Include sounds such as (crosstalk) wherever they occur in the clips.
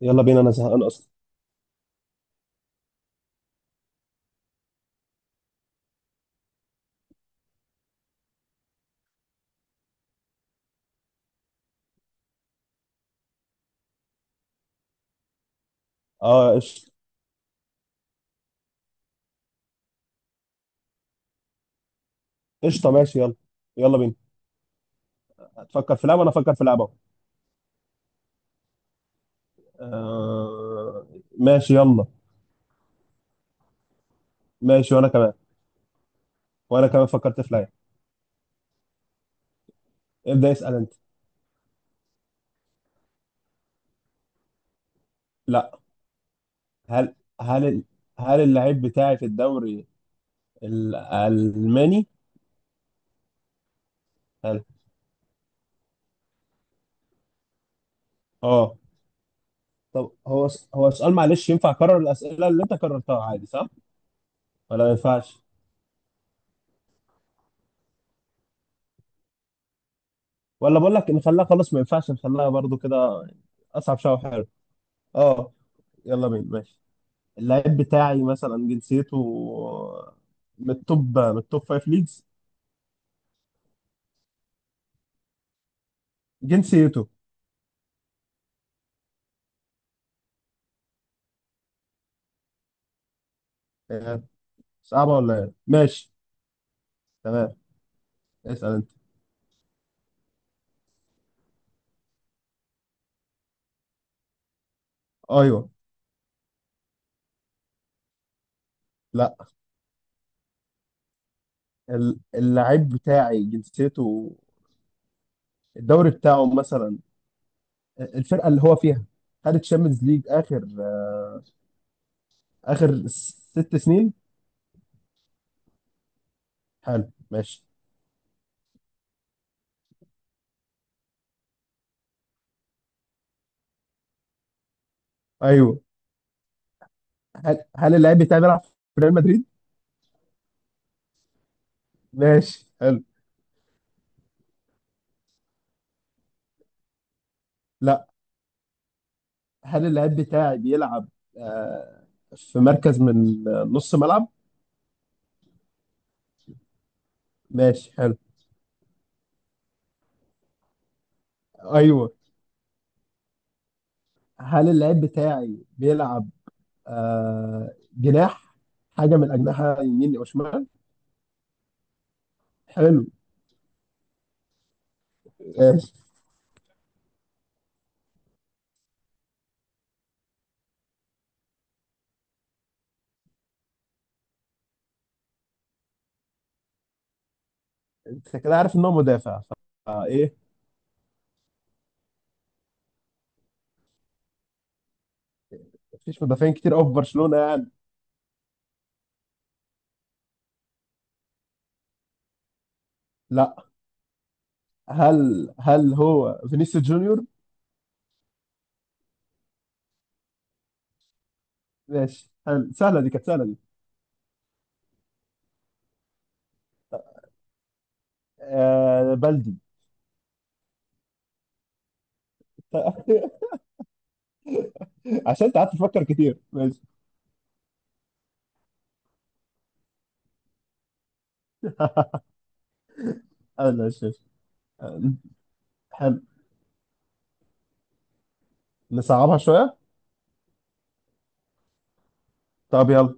يلا بينا، انا زهقان اصلا. اه، قشطه. قشطه، ماشي، يلا. يلا بينا. هتفكر في لعبه وانا افكر في لعبه. آه. ماشي، يلا. ماشي وانا كمان فكرت في لعبه. ابدا، اسال انت. لا. هل هل ال- هل اللعيب بتاعي في الدوري الالماني؟ هل اه. طب هو سؤال، معلش ينفع اكرر الاسئله اللي انت كررتها عادي؟ صح ولا ما ينفعش؟ ولا بقول لك نخليها، خلاص ما ينفعش، نخليها برضو كده. اصعب شويه، حلو. اه. يلا بينا، ماشي. اللعيب بتاعي مثلا، جنسيته من التوب فايف ليجز. جنسيته. آه، صعبة ولا ايه؟ ماشي. تمام. اسأل انت. ايوه. لا. اللعيب بتاعي جنسيته، الدوري بتاعه مثلا، الفرقة اللي هو فيها خدت شامبيونز ليج اخر ست سنين. حلو، ماشي. ايوه. هل اللعيب بتاعي بيلعب في ريال مدريد؟ ماشي، حلو. لا. هل اللعيب بتاعي بيلعب آه، في مركز من نص ملعب؟ ماشي، حلو. ايوه. هل اللاعب بتاعي بيلعب جناح، حاجه من اجنحه يمين او شمال؟ حلو، ماشي. انت كده عارف ان هو مدافع. فايه مفيش مدافعين كتير قوي في برشلونه يعني. لا. هل هو فينيسيوس جونيور؟ ماشي، حلو، سهله دي، كانت سهله دي. آه بلدي. (laughs) عشان انت قعدت تفكر كتير، ماشي. حلو، ماشي، ماشي. آه. حلو. نصعبها شويه. طب يلا.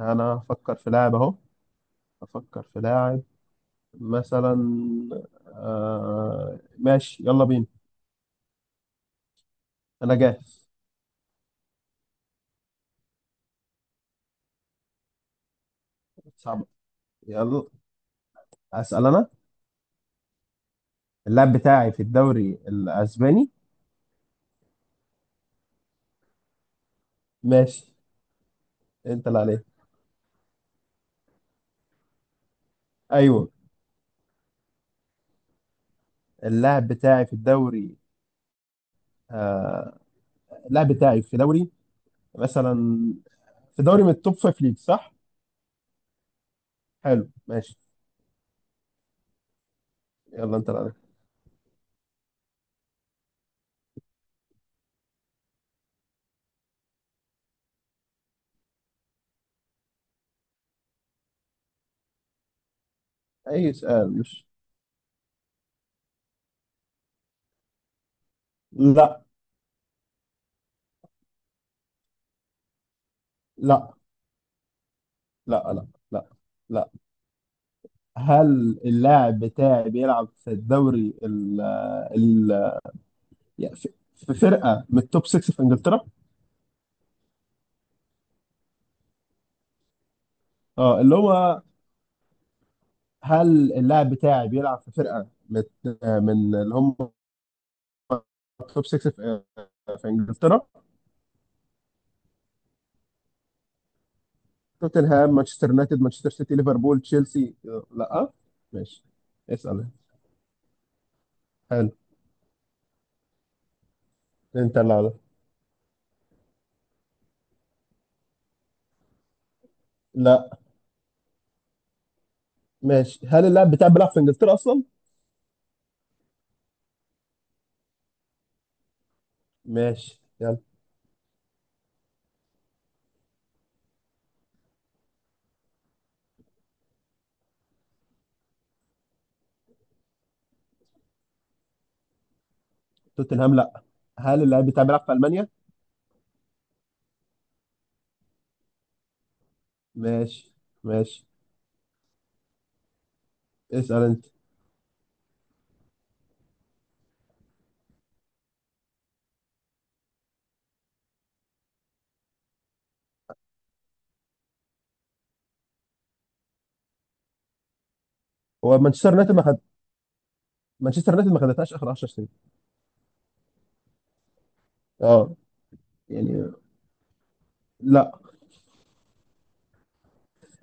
انا افكر في لاعب اهو افكر في لاعب مثلا. آه، ماشي، يلا بينا. انا جاهز. صعب. يلا. اسال انا. اللاعب بتاعي في الدوري الاسباني. ماشي. انت اللي عليك. ايوه. اللاعب بتاعي في الدوري آه اللاعب بتاعي في دوري مثلا، في دوري من التوب فايف ليج، صح؟ حلو، ماشي. يلا، انت اللي عليك. اي سؤال مش... لا، لا، لا. لا، لا، لا. هل اللاعب بتاعي بيلعب في الدوري يعني في فرقه من التوب 6 في انجلترا؟ اه، اللي هو، هل اللاعب بتاعي بيلعب في فرقه من اللي هم التوب 6 في انجلترا؟ توتنهام، مانشستر يونايتد، مانشستر سيتي، ليفربول، تشيلسي. لا. ماشي. اسال. حلو. انت اللي عليك. لا. ماشي. هل اللاعب بتاعي بيلعب في انجلترا اصلا؟ ماشي، يلا. توتنهام؟ لا. هل اللاعب بتاعي بيلعب في المانيا؟ ماشي. ماشي. اسال انت. هو مانشستر يونايتد ما خد مانشستر يونايتد ما خدتهاش اخر 10 سنين. اه. يعني، لا.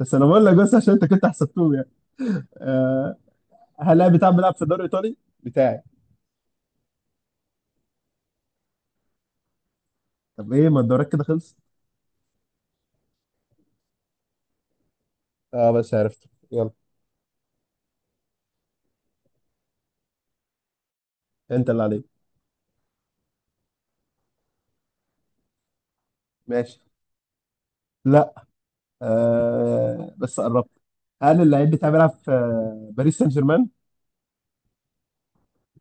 بس انا بقول لك بس عشان انت كنت حسبتهم يعني. آه. هل لاعب بتاع بيلعب في الدوري الايطالي؟ بتاعي. طب ايه؟ ما الدوريات كده خلصت. اه بس عرفته، يلا. انت اللي عليك. ماشي. لا. آه بس قربت. هل اللعيب بتاعي بيلعب في باريس سان جيرمان؟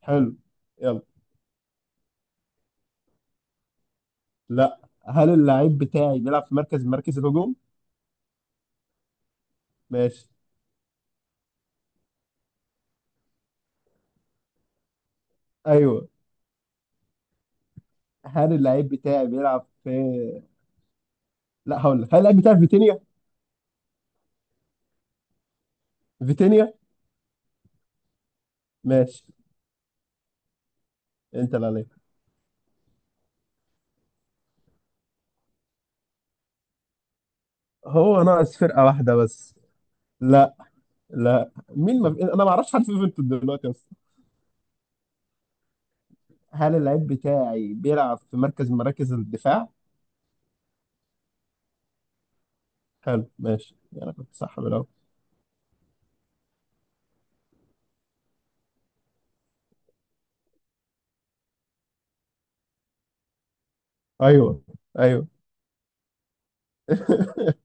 حلو، يلا. لا. هل اللعيب بتاعي بيلعب في مركز الهجوم؟ ماشي. ايوه. هل اللعيب بتاعي بيلعب في لا، هقول لك، هل اللعيب بتاعي في فيتينيا؟ فيتينيا؟ ماشي. انت اللي عليك. هو ناقص فرقة واحدة بس. لا. لا، مين، ما انا ما اعرفش حد في يوفنتوس دلوقتي اصلا. هل اللعيب بتاعي بيلعب في مركز من مراكز الدفاع؟ حلو، ماشي. انا كنت صح بالاول. ايوه. ايوه. (laughs)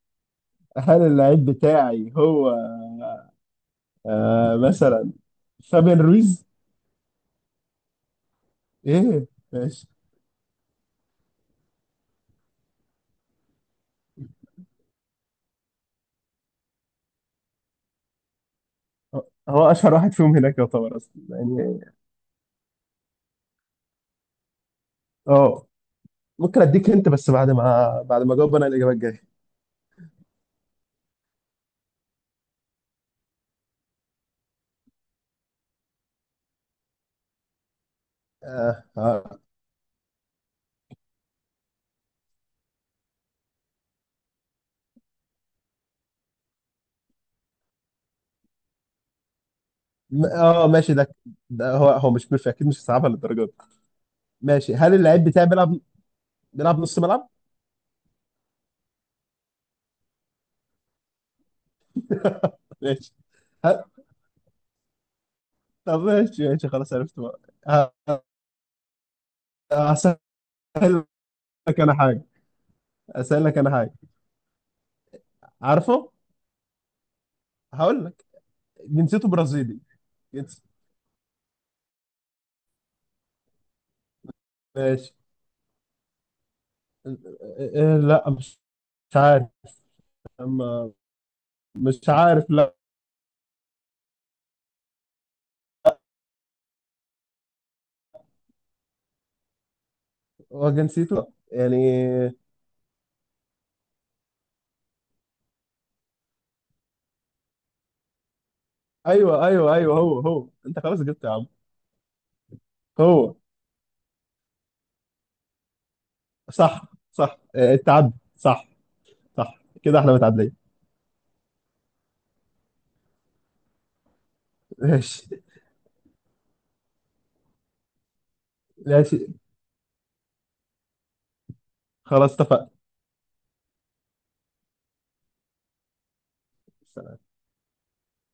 هل اللعيب بتاعي هو مثلا فابين رويز؟ ايه. ماشي. هو اشهر واحد فيهم هناك يعتبر اصلا يعني. اه. ممكن اديك انت بس بعد ما اجاوب انا الاجابه الجايه. اه، اه. ماشي. ده هو، مش اكيد، مش صعبها للدرجه دي. ماشي. هل اللعيب بتاعي بيلعب، نلعب نص ملعب؟ ماشي. ه- طب ماشي، ماشي، خلاص عرفت بقى. ه- هسهل لك انا حاجه هسهل لك انا حاجه. عارفه. هقول لك. جنسيته برازيلي. جنس ماشي. إيه- إيه- لا، مش عارف. أما، مش عارف، لا. هو جنسيته يعني. ايوه، ايوه، ايوه. هو، انت خلاص جبت يا عم. هو. صح. صح، إيه، اتعد صح. صح كده، احنا متعدين. ماشي. ماشي، خلاص اتفقنا.